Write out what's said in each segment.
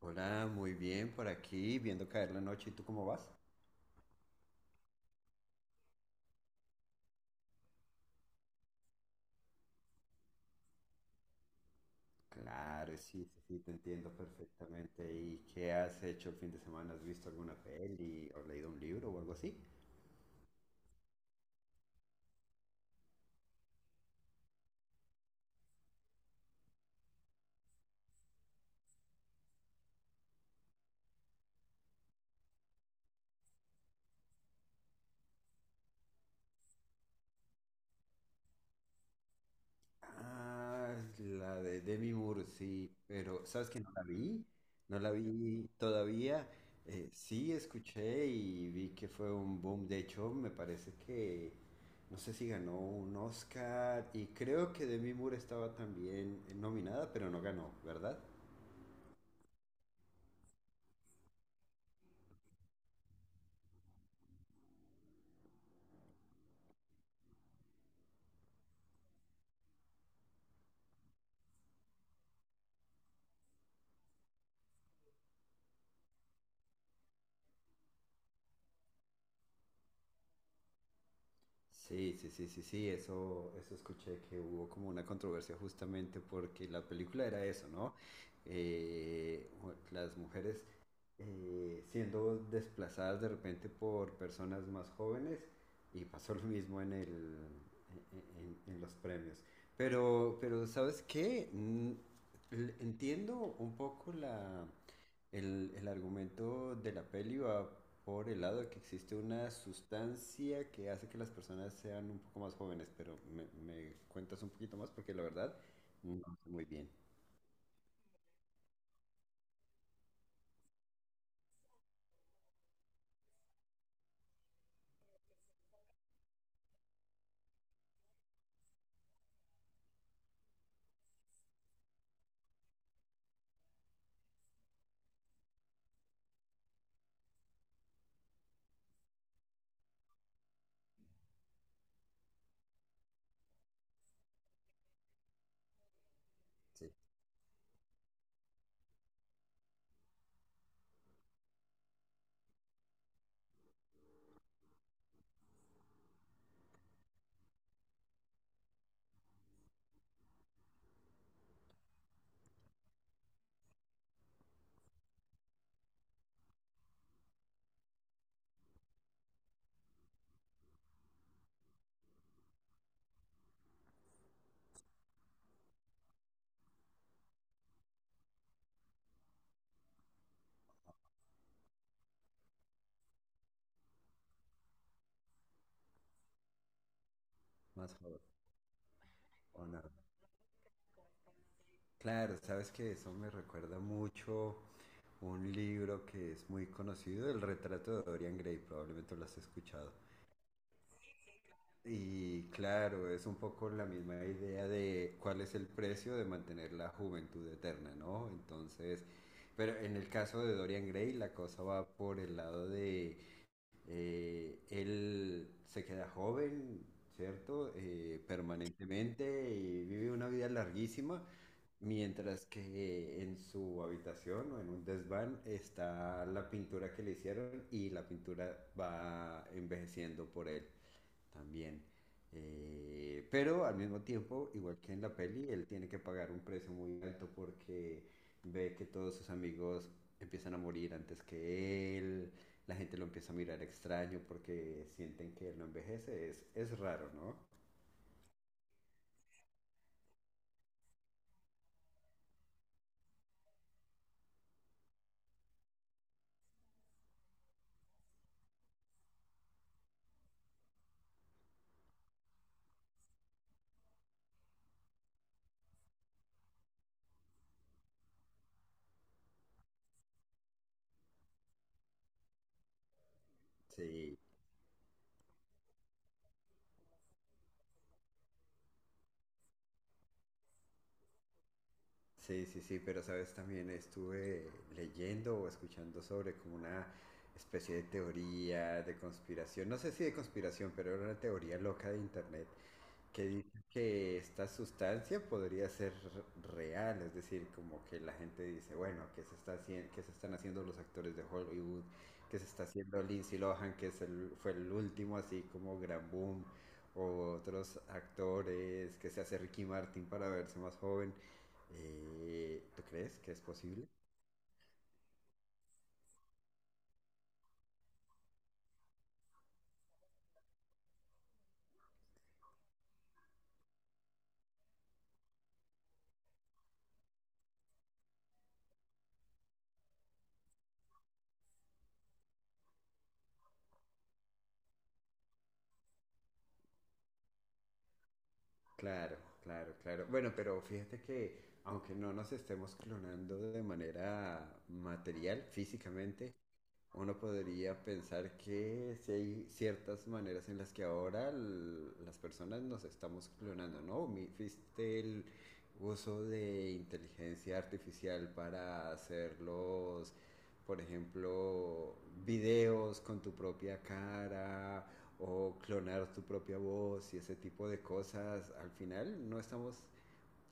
Hola, muy bien por aquí, viendo caer la noche. ¿Y tú cómo vas? Claro, sí, sí, sí, te entiendo perfectamente. ¿Y qué has hecho el fin de semana? ¿Has visto alguna peli o leído un libro o algo así? Ah, la de Demi Moore, sí, pero ¿sabes que no la vi? No la vi todavía. Sí, escuché y vi que fue un boom. De hecho, me parece que no sé si ganó un Oscar y creo que Demi Moore estaba también nominada, pero no ganó, ¿verdad? Sí, sí, sí, sí, sí, eso escuché que hubo como una controversia justamente porque la película era eso, ¿no? Eh, las mujeres siendo desplazadas de repente por personas más jóvenes y pasó lo mismo en el, en los premios. Pero ¿sabes qué? Entiendo un poco el argumento de la peli, va por el lado de que existe una sustancia que hace que las personas sean un poco más jóvenes, pero me cuentas un poquito más porque la verdad no sé muy bien. Sí, más joven o nada. Claro, sabes que eso me recuerda mucho un libro que es muy conocido, El retrato de Dorian Gray, probablemente lo has escuchado. Y claro, es un poco la misma idea de cuál es el precio de mantener la juventud eterna, ¿no? Entonces, pero en el caso de Dorian Gray, la cosa va por el lado de él se queda joven, ¿cierto? Permanentemente y vive una vida larguísima, mientras que en su habitación o en un desván está la pintura que le hicieron y la pintura va envejeciendo por él también. Pero al mismo tiempo, igual que en la peli, él tiene que pagar un precio muy alto porque ve que todos sus amigos empiezan a morir antes que él, la gente lo empieza a mirar extraño porque sienten que él no envejece, es raro, ¿no? Sí, sí, sí, sí, pero sabes, también estuve leyendo o escuchando sobre como una especie de teoría de conspiración, no sé si de conspiración, pero era una teoría loca de internet que dice que esta sustancia podría ser real, es decir, como que la gente dice, bueno, que se está haciendo, ¿que se están haciendo los actores de Hollywood? ¿Que se está haciendo Lindsay Lohan, que fue el último así como gran boom? O otros actores, que se hace Ricky Martin para verse más joven. ¿tú crees que es posible? Claro, claro, claro. Bueno, pero fíjate que aunque no nos estemos clonando de manera material, físicamente, uno podría pensar que si hay ciertas maneras en las que ahora las personas nos estamos clonando, ¿no? ¿Viste el uso de inteligencia artificial para hacer los, por ejemplo, videos con tu propia cara o clonar tu propia voz y ese tipo de cosas? Al final no estamos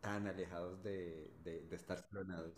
tan alejados de estar clonados.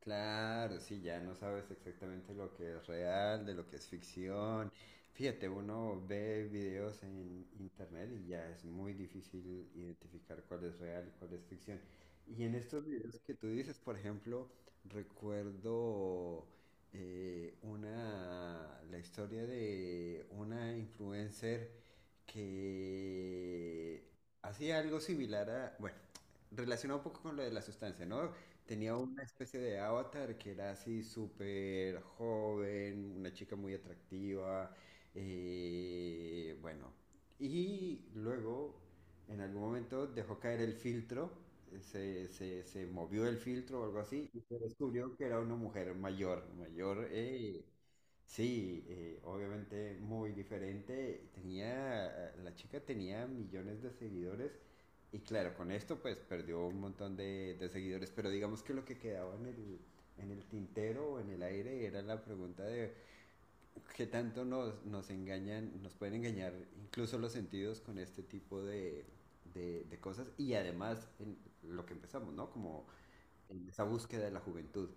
Claro, sí, ya no sabes exactamente lo que es real, de lo que es ficción. Fíjate, uno ve videos en internet y ya es muy difícil identificar cuál es real y cuál es ficción. Y en estos videos que tú dices, por ejemplo, recuerdo la historia de una influencer que hacía algo similar a, bueno, relacionado un poco con lo de la sustancia, ¿no? Tenía una especie de avatar que era así súper joven, una chica muy atractiva, bueno. Y luego, en algún momento, dejó caer el filtro, se movió el filtro o algo así, y se descubrió que era una mujer mayor, mayor, sí, obviamente muy diferente. Tenía, la chica tenía millones de seguidores y claro, con esto pues perdió un montón de seguidores, pero digamos que lo que quedaba en el tintero o en el aire era la pregunta de qué tanto nos engañan, nos pueden engañar incluso los sentidos con este tipo de cosas y además en lo que empezamos, ¿no? Como en esa búsqueda de la juventud.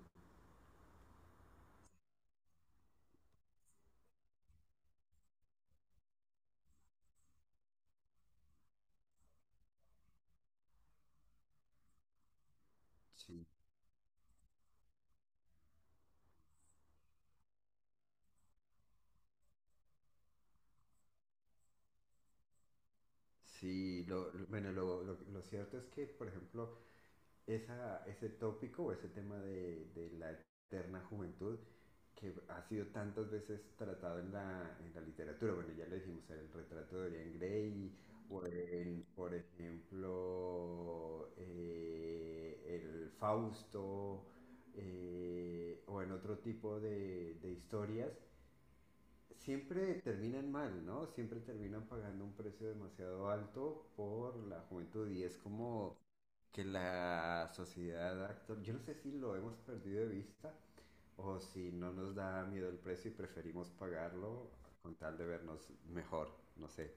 Sí. Sí, bueno, lo cierto es que, por ejemplo, ese tópico o ese tema de la eterna juventud que ha sido tantas veces tratado en la literatura. Bueno, ya lo dijimos, era el retrato de Dorian Gray, o el, por ejemplo, el Fausto, o en otro tipo de historias. Siempre terminan mal, ¿no? Siempre terminan pagando un precio demasiado alto por la juventud y es como que la sociedad actual, yo no sé si lo hemos perdido de vista, o si no nos da miedo el precio y preferimos pagarlo con tal de vernos mejor, no sé.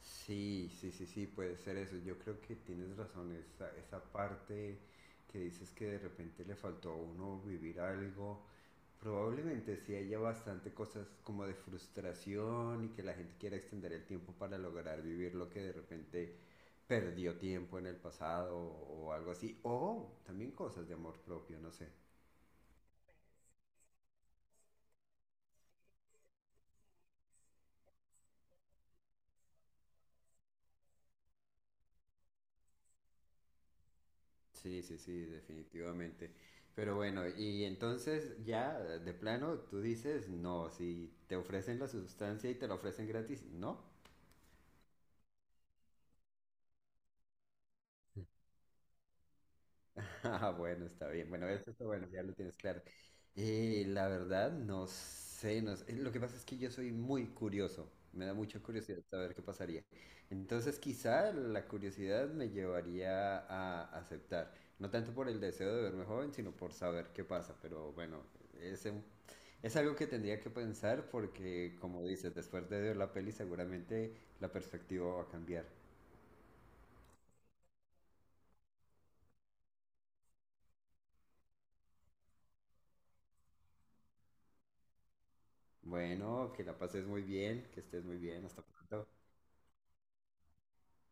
Sí, sí, sí, sí, puede ser eso. Yo creo que tienes razón, esa parte que dices que de repente le faltó a uno vivir algo. Probablemente sí haya bastante cosas como de frustración y que la gente quiera extender el tiempo para lograr vivir lo que de repente perdió tiempo en el pasado o algo así. O también cosas de amor propio, no sé. Sí, sí, sí, definitivamente. Pero bueno, y entonces ya de plano tú dices, no, si te ofrecen la sustancia y te la ofrecen gratis, no. Ah, bueno, está bien. Bueno, eso está bueno, ya lo tienes claro. La verdad, no sé, no sé. Lo que pasa es que yo soy muy curioso. Me da mucha curiosidad saber qué pasaría. Entonces, quizá la curiosidad me llevaría a aceptar. No tanto por el deseo de verme joven, sino por saber qué pasa. Pero bueno, es, un- es algo que tendría que pensar porque, como dices, después de ver la peli seguramente la perspectiva va a cambiar. Bueno, que la pases muy bien, que estés muy bien. Hasta pronto.